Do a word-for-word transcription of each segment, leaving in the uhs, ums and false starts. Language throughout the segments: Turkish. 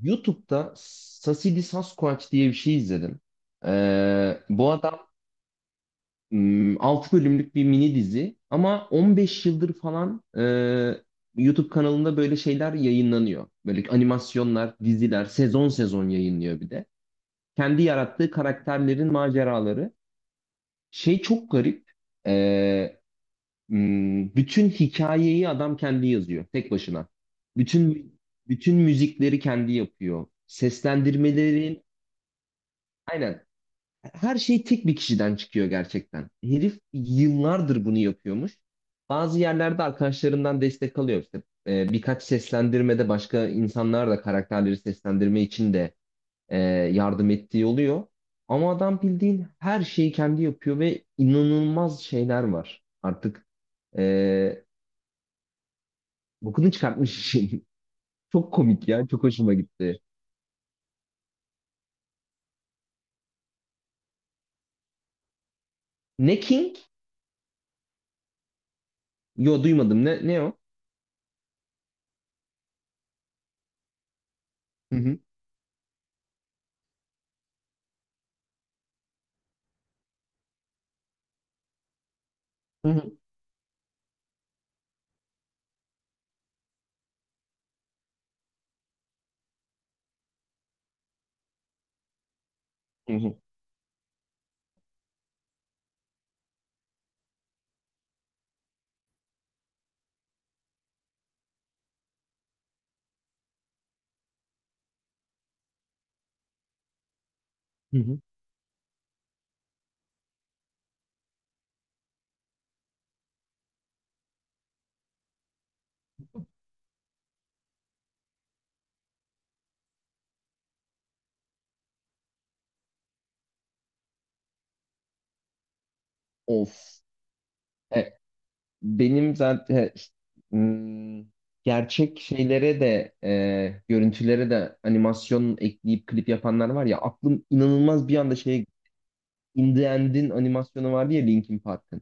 YouTube'da Sasidi Sasquatch diye bir şey izledim. Ee, bu adam hmm, altı bölümlük bir mini dizi ama on beş yıldır falan e, YouTube kanalında böyle şeyler yayınlanıyor. Böyle animasyonlar, diziler sezon sezon yayınlıyor bir de. Kendi yarattığı karakterlerin maceraları. Şey çok garip. Ee, m, Bütün hikayeyi adam kendi yazıyor tek başına. Bütün bütün müzikleri kendi yapıyor. Seslendirmelerin aynen, her şey tek bir kişiden çıkıyor gerçekten. Herif yıllardır bunu yapıyormuş. Bazı yerlerde arkadaşlarından destek alıyor işte. Ee, birkaç seslendirmede başka insanlar da karakterleri seslendirme için de e, yardım ettiği oluyor. Ama adam bildiğin her şeyi kendi yapıyor ve inanılmaz şeyler var. Artık e, bokunu çıkartmış işin. Çok komik ya, çok hoşuma gitti. Ne King? Yo, duymadım. Ne ne o? Hı hı. Hı hı. Hı hı. Hı hı. Of, benim zaten hmm, gerçek şeylere de, e, görüntülere de animasyon ekleyip klip yapanlar var ya, aklım inanılmaz bir anda şey, In The End'in animasyonu vardı ya, Linkin Park'ın.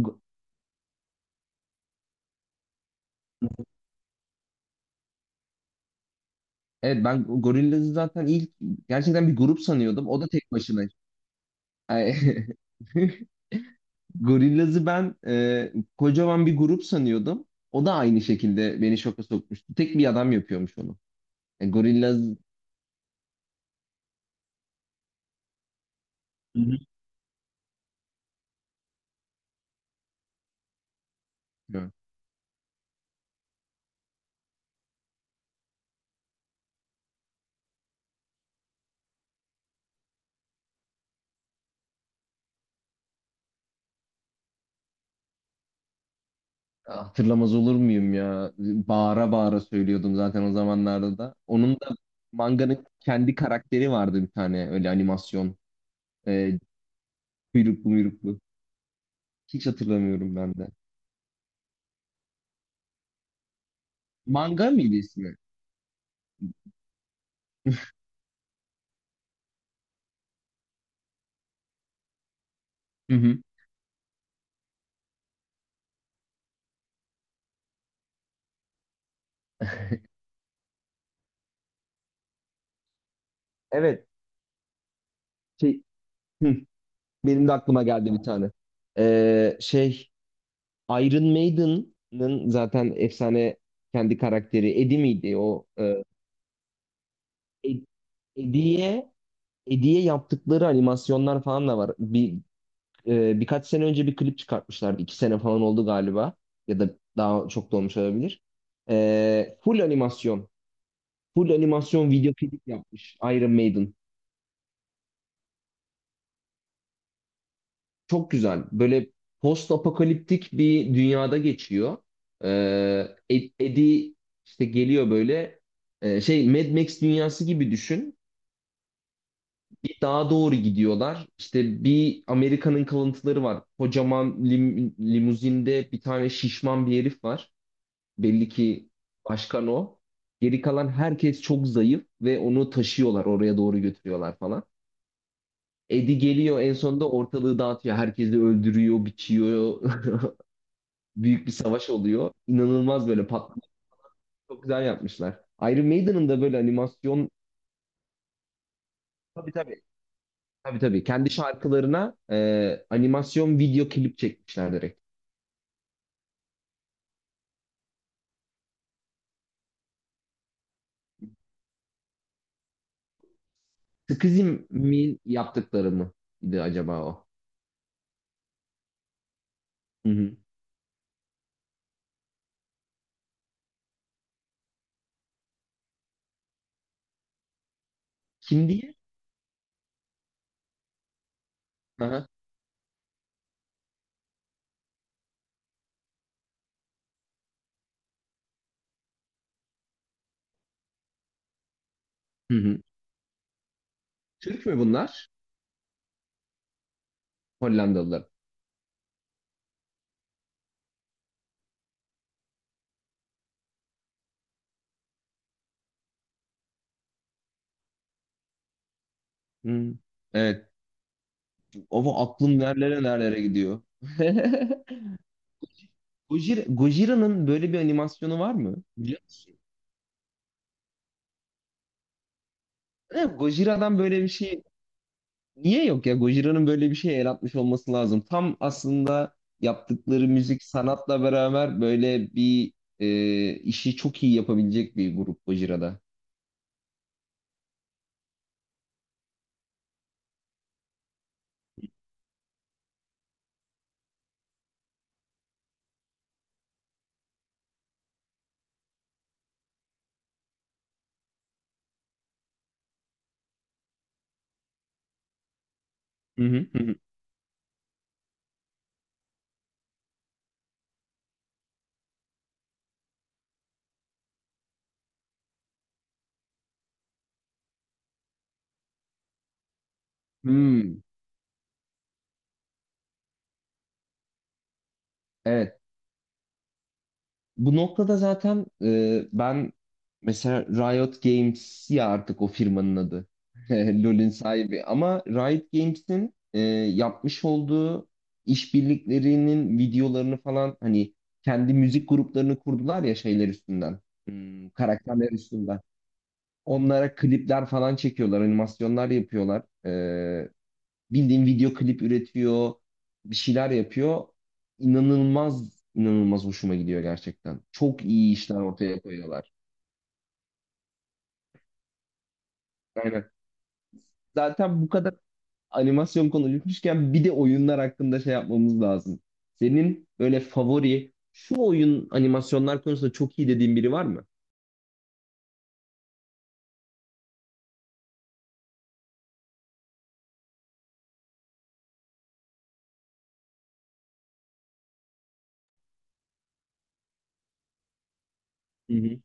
Go- Evet, ben Gorillaz'ı zaten ilk gerçekten bir grup sanıyordum. O da tek başına. Ay, Gorillaz'ı ben e, kocaman bir grup sanıyordum. O da aynı şekilde beni şoka sokmuştu. Tek bir adam yapıyormuş onu. E, Gorillaz. Hı hı. Hatırlamaz olur muyum ya? Bağıra bağıra söylüyordum zaten o zamanlarda da. Onun da manganın kendi karakteri vardı bir tane, öyle animasyon. E, Kuyruklu muyruklu. Hiç hatırlamıyorum ben de. Manga mıydı ismi? Hı hı. Evet. Şey, hı, Benim de aklıma geldi bir tane. Ee, şey Iron Maiden'ın zaten efsane kendi karakteri Eddie miydi o? E, Ed- Eddie'ye Eddie'ye yaptıkları animasyonlar falan da var. Bir e, birkaç sene önce bir klip çıkartmışlardı. İki sene falan oldu galiba. Ya da daha çok da olmuş olabilir. E, full animasyon. Full animasyon video klip yapmış Iron Maiden. Çok güzel. Böyle post apokaliptik bir dünyada geçiyor. E, Ed- Eddie işte geliyor böyle. E, şey Mad Max dünyası gibi düşün. Bir dağa doğru gidiyorlar. İşte bir Amerika'nın kalıntıları var. Kocaman lim- limuzinde bir tane şişman bir herif var. Belli ki başkan o. Geri kalan herkes çok zayıf ve onu taşıyorlar, oraya doğru götürüyorlar falan. Eddie geliyor en sonunda, ortalığı dağıtıyor. Herkesi öldürüyor, biçiyor. Büyük bir savaş oluyor. İnanılmaz böyle patlamış. Çok güzel yapmışlar. Iron Maiden'ın da böyle animasyon... Tabii tabii. Tabii tabii. Kendi şarkılarına e, animasyon video klip çekmişler direkt. Skizim'in yaptıkları mıydı acaba o? Hı hı. Kim diye? Aha. Hı hı. Türk mü bunlar? Hollandalılar. Hmm. Evet. Ama aklım nerelere nerelere gidiyor. Gojira, Gojira'nın böyle bir animasyonu var mı? Biliyor musun? Evet, Gojira'dan böyle bir şey niye yok ya? Gojira'nın böyle bir şey el atmış olması lazım. Tam aslında yaptıkları müzik sanatla beraber böyle bir, e, işi çok iyi yapabilecek bir grup Gojira'da. Hı hı hı, hı. Hmm. Evet. Bu noktada zaten e, ben mesela Riot Games, ya artık o firmanın adı. LoL'ün sahibi. Ama Riot Games'in e, yapmış olduğu işbirliklerinin videolarını falan, hani kendi müzik gruplarını kurdular ya, şeyler üstünden. Hmm, karakterler üstünden. Onlara klipler falan çekiyorlar, animasyonlar yapıyorlar. E, bildiğin video klip üretiyor, bir şeyler yapıyor. İnanılmaz, inanılmaz hoşuma gidiyor gerçekten. Çok iyi işler ortaya koyuyorlar. Aynen. Zaten bu kadar animasyon konuşmuşken bir de oyunlar hakkında şey yapmamız lazım. Senin böyle favori, şu oyun animasyonlar konusunda çok iyi dediğin biri var mı? Hı hı.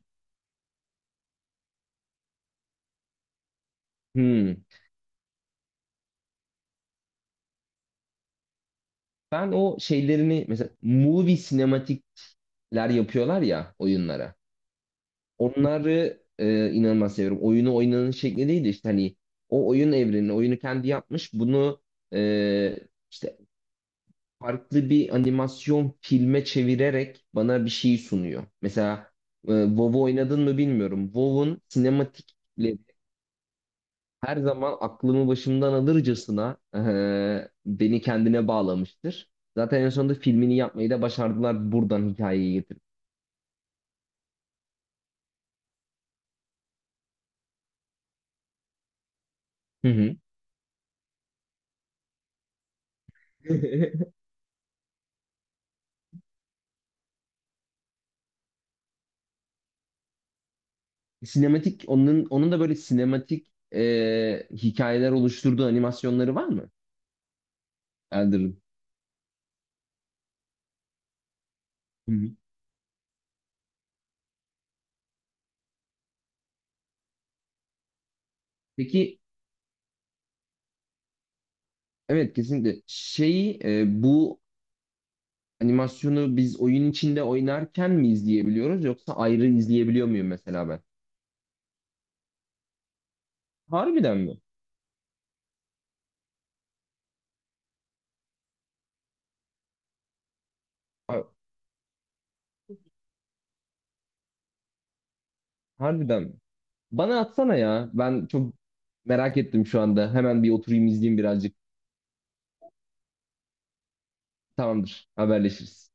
Hmm. Ben o şeylerini, mesela movie sinematikler yapıyorlar ya oyunlara, onları e, inanılmaz seviyorum. Oyunu oynanın şekli değil de işte hani o oyun evrenini, oyunu kendi yapmış. Bunu e, işte farklı bir animasyon filme çevirerek bana bir şey sunuyor. Mesela e, WoW oynadın mı bilmiyorum. WoW'un sinematikleri her zaman aklımı başımdan alırcasına e, beni kendine bağlamıştır. Zaten en sonunda filmini yapmayı da başardılar buradan hikayeyi getirip. Hı hı. Sinematik, onun onun da böyle sinematik e, hikayeler oluşturduğu animasyonları var mı Elder'ın? Hı hı. Peki, evet, kesinlikle şeyi, e, bu animasyonu biz oyun içinde oynarken mi izleyebiliyoruz yoksa ayrı izleyebiliyor muyum mesela ben? Harbiden mi? Ha- Harbiden mi? Bana atsana ya. Ben çok merak ettim şu anda. Hemen bir oturayım izleyeyim birazcık. Tamamdır. Haberleşiriz.